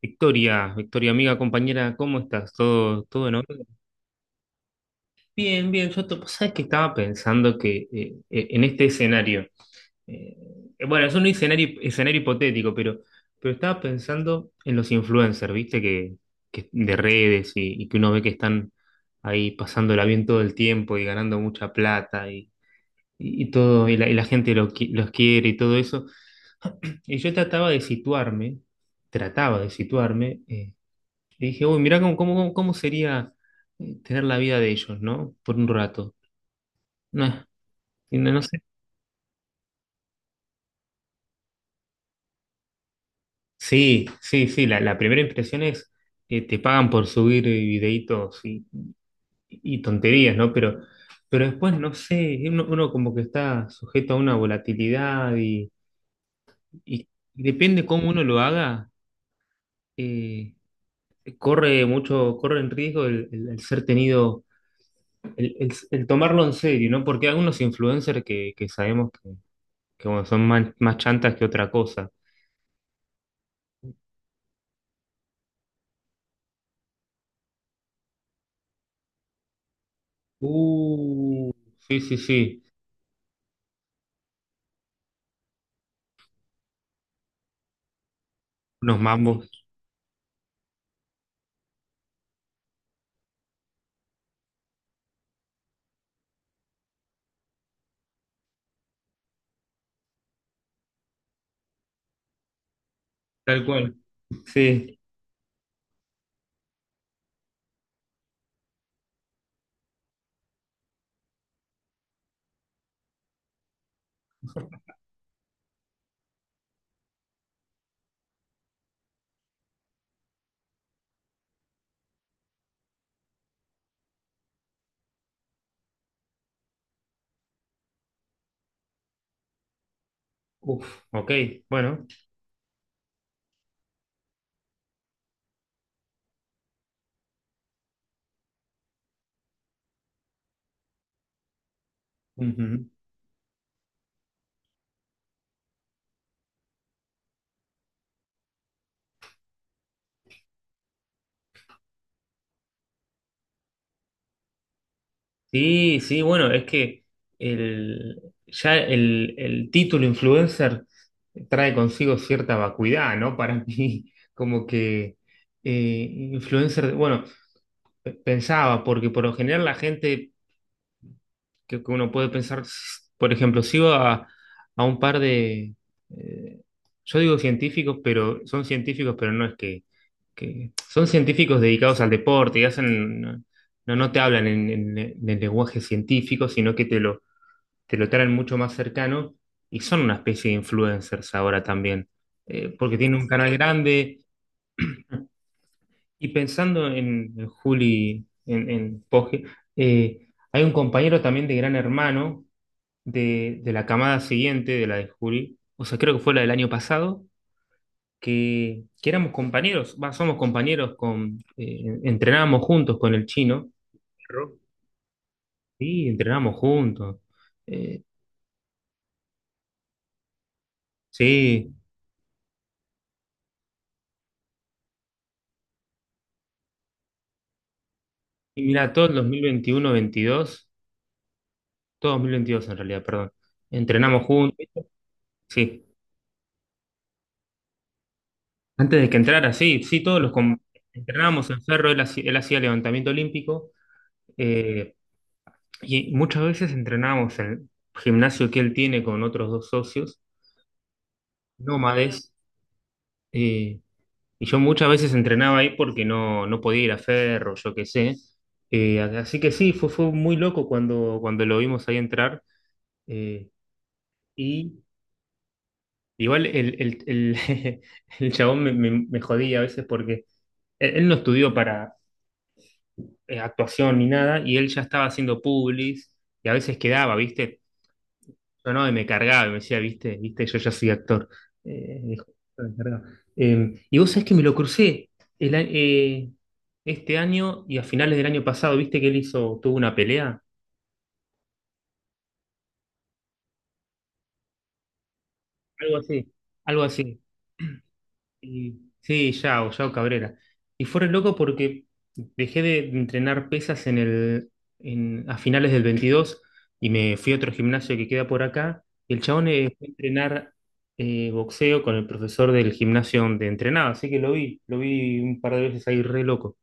Victoria, Victoria, amiga, compañera, ¿cómo estás? ¿Todo en orden? Bien, bien, yo te, sabes que estaba pensando que en este escenario, eh, bueno, es un escenario hipotético, pero estaba pensando en los influencers, ¿viste? Que de redes y que uno ve que están ahí pasándola bien todo el tiempo y ganando mucha plata y todo, y la gente los quiere y todo eso. Y yo trataba de situarme, trataba de situarme. Y dije, uy, mirá cómo sería tener la vida de ellos, ¿no? Por un rato. No, y no, no sé. Sí, sí, sí, la primera impresión es que te pagan por subir videitos y tonterías, ¿no? Pero después, no sé, uno, uno como que está sujeto a una volatilidad y, y- y depende cómo uno lo haga, eh, corre mucho, corre en riesgo el, el ser tenido, el, el tomarlo en serio, ¿no? Porque hay algunos influencers que sabemos que bueno, son más, más chantas que otra cosa. Uh, sí, sí, sí, unos mambos, tal cual. Sí, uf, ok, bueno. Ujú. Sí, sí, bueno, es que el, ya el título influencer trae consigo cierta vacuidad, ¿no? Para mí, como que eh, influencer, bueno, pensaba, porque por lo general la gente que uno puede pensar, por ejemplo, sigo a un par de, eh, yo digo científicos, pero son científicos, pero no es que, son científicos dedicados al deporte y hacen, no, no te hablan en, en el lenguaje científico, sino que te lo traen mucho más cercano y son una especie de influencers ahora también, porque tienen un canal grande y pensando en Juli, en Poge, hay un compañero también de Gran Hermano de la camada siguiente, de la de Juli, o sea, creo que fue la del año pasado, que éramos compañeros, va, somos compañeros, con, entrenábamos juntos con el chino, Ro- sí, entrenábamos juntos, eh, sí, y mira, todo el 2021 22 todo 2022 en realidad, perdón, entrenamos juntos, sí, antes de que entrara, sí, sí, entrenábamos en Ferro, él hacía levantamiento olímpico, eh, Y muchas veces entrenábamos en el gimnasio que él tiene con otros dos socios, nómades, eh, y yo muchas veces entrenaba ahí porque no, no podía ir a Ferro, yo qué sé. Así que sí, fue, fue muy loco cuando, cuando lo vimos ahí entrar. eh, y igual el, el chabón me, me jodía a veces porque él no estudió para actuación ni nada, y él ya estaba haciendo publis, y a veces quedaba, ¿viste? Yo no, y me cargaba, y me decía, viste, viste, yo ya soy actor. Dijo, me cargaba. Y vos sabés que me lo crucé el, este año y a finales del año pasado, viste que él hizo, tuvo una pelea, algo así, algo así. Sí, Yao, Yao Cabrera. Y fue re loco porque dejé de entrenar pesas en el, a finales del 22 y me fui a otro gimnasio que queda por acá. Y el chabón fue a entrenar boxeo con el profesor del gimnasio donde entrenaba, así que lo vi un par de veces ahí re loco.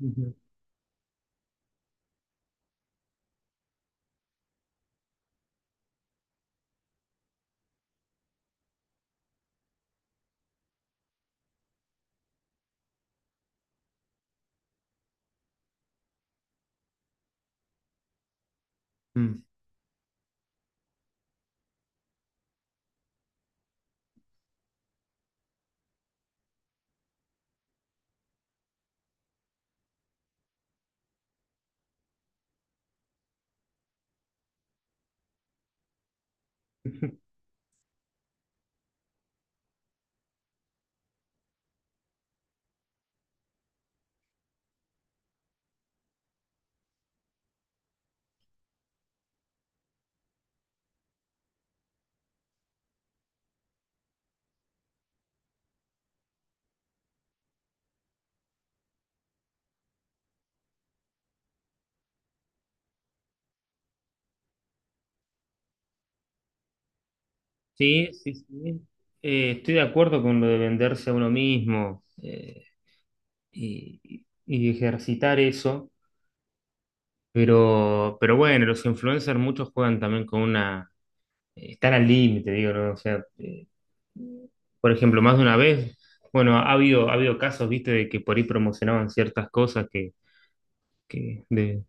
Ujú. Mm. Sí, sí, sí. Estoy de acuerdo con lo de venderse a uno mismo y, y ejercitar eso. Pero bueno, los influencers muchos juegan también con una... Están al límite, digo, ¿no? O sea, por ejemplo, más de una vez, bueno, ha habido casos, viste, de que por ahí promocionaban ciertas cosas que de,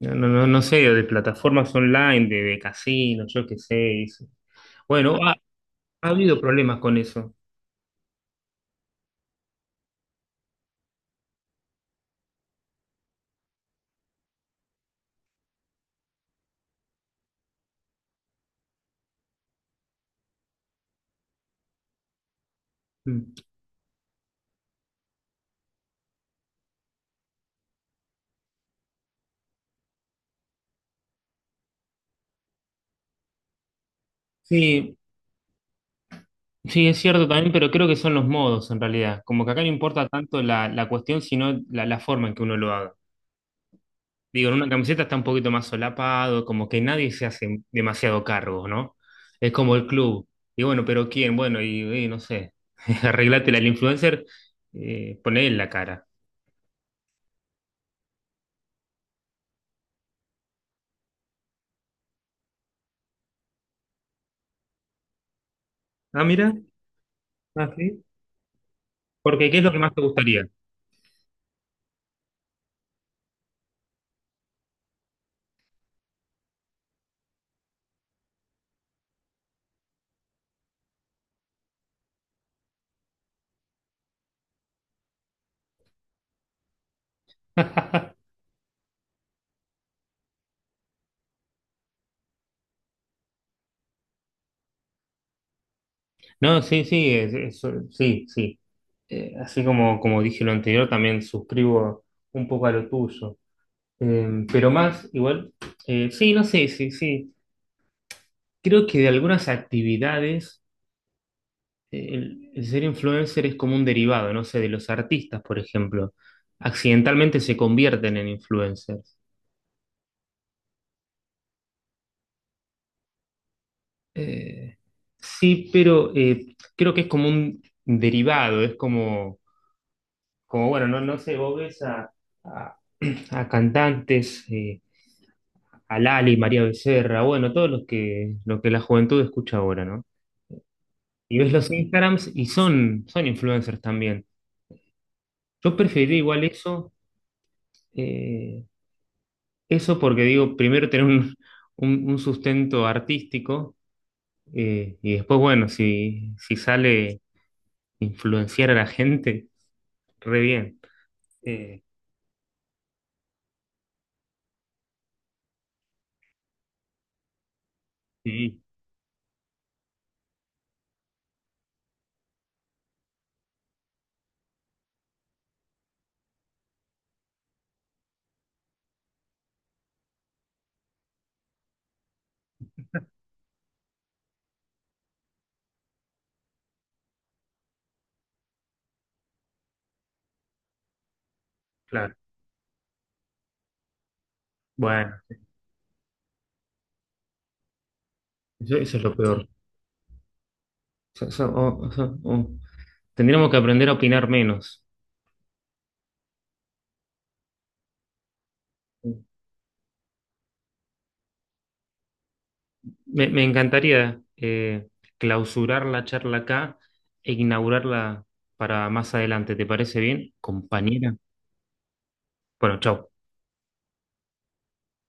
no, no, no sé, de plataformas online, de casinos, yo qué sé. Eso. Bueno, ha, ha habido problemas con eso. Mm. Sí, sí, es cierto también, pero creo que son los modos en realidad. Como que acá no importa tanto la, la cuestión, sino la, la forma en que uno lo haga. Digo, en una camiseta está un poquito más solapado, como que nadie se hace demasiado cargo, ¿no? Es como el club. Y bueno, pero ¿quién? Bueno, y no sé, arreglátela. El influencer, poné en la cara. Ah, mira, ah, sí. Porque ¿qué es lo que más te gustaría? No, sí, sí, es- sí, sí. Así como, como dije lo anterior, también suscribo un poco a lo tuyo. Pero más, igual, sí, no sé, sí, sí. Creo que de algunas actividades el ser influencer es como un derivado, no sé, de los artistas, por ejemplo. Accidentalmente se convierten en influencers. Eh, sí, pero creo que es como un derivado, es como, como bueno, no, no sé, vos ves a, a- a cantantes, a Lali, María Becerra, bueno, todos los que, lo que la juventud escucha ahora, ¿no? Y ves los Instagrams y son, son influencers también. Yo preferiría igual eso. eh, Eso porque digo, primero tener un, un sustento artístico y después, bueno, si, si sale influenciar a la gente, re bien. Eh, sí, claro. Bueno, eso es lo peor. Eso- eso- o- eso- o- tendríamos que aprender a opinar menos. Me encantaría clausurar la charla acá e inaugurarla para más adelante. ¿Te parece bien, compañera? Bueno, chao.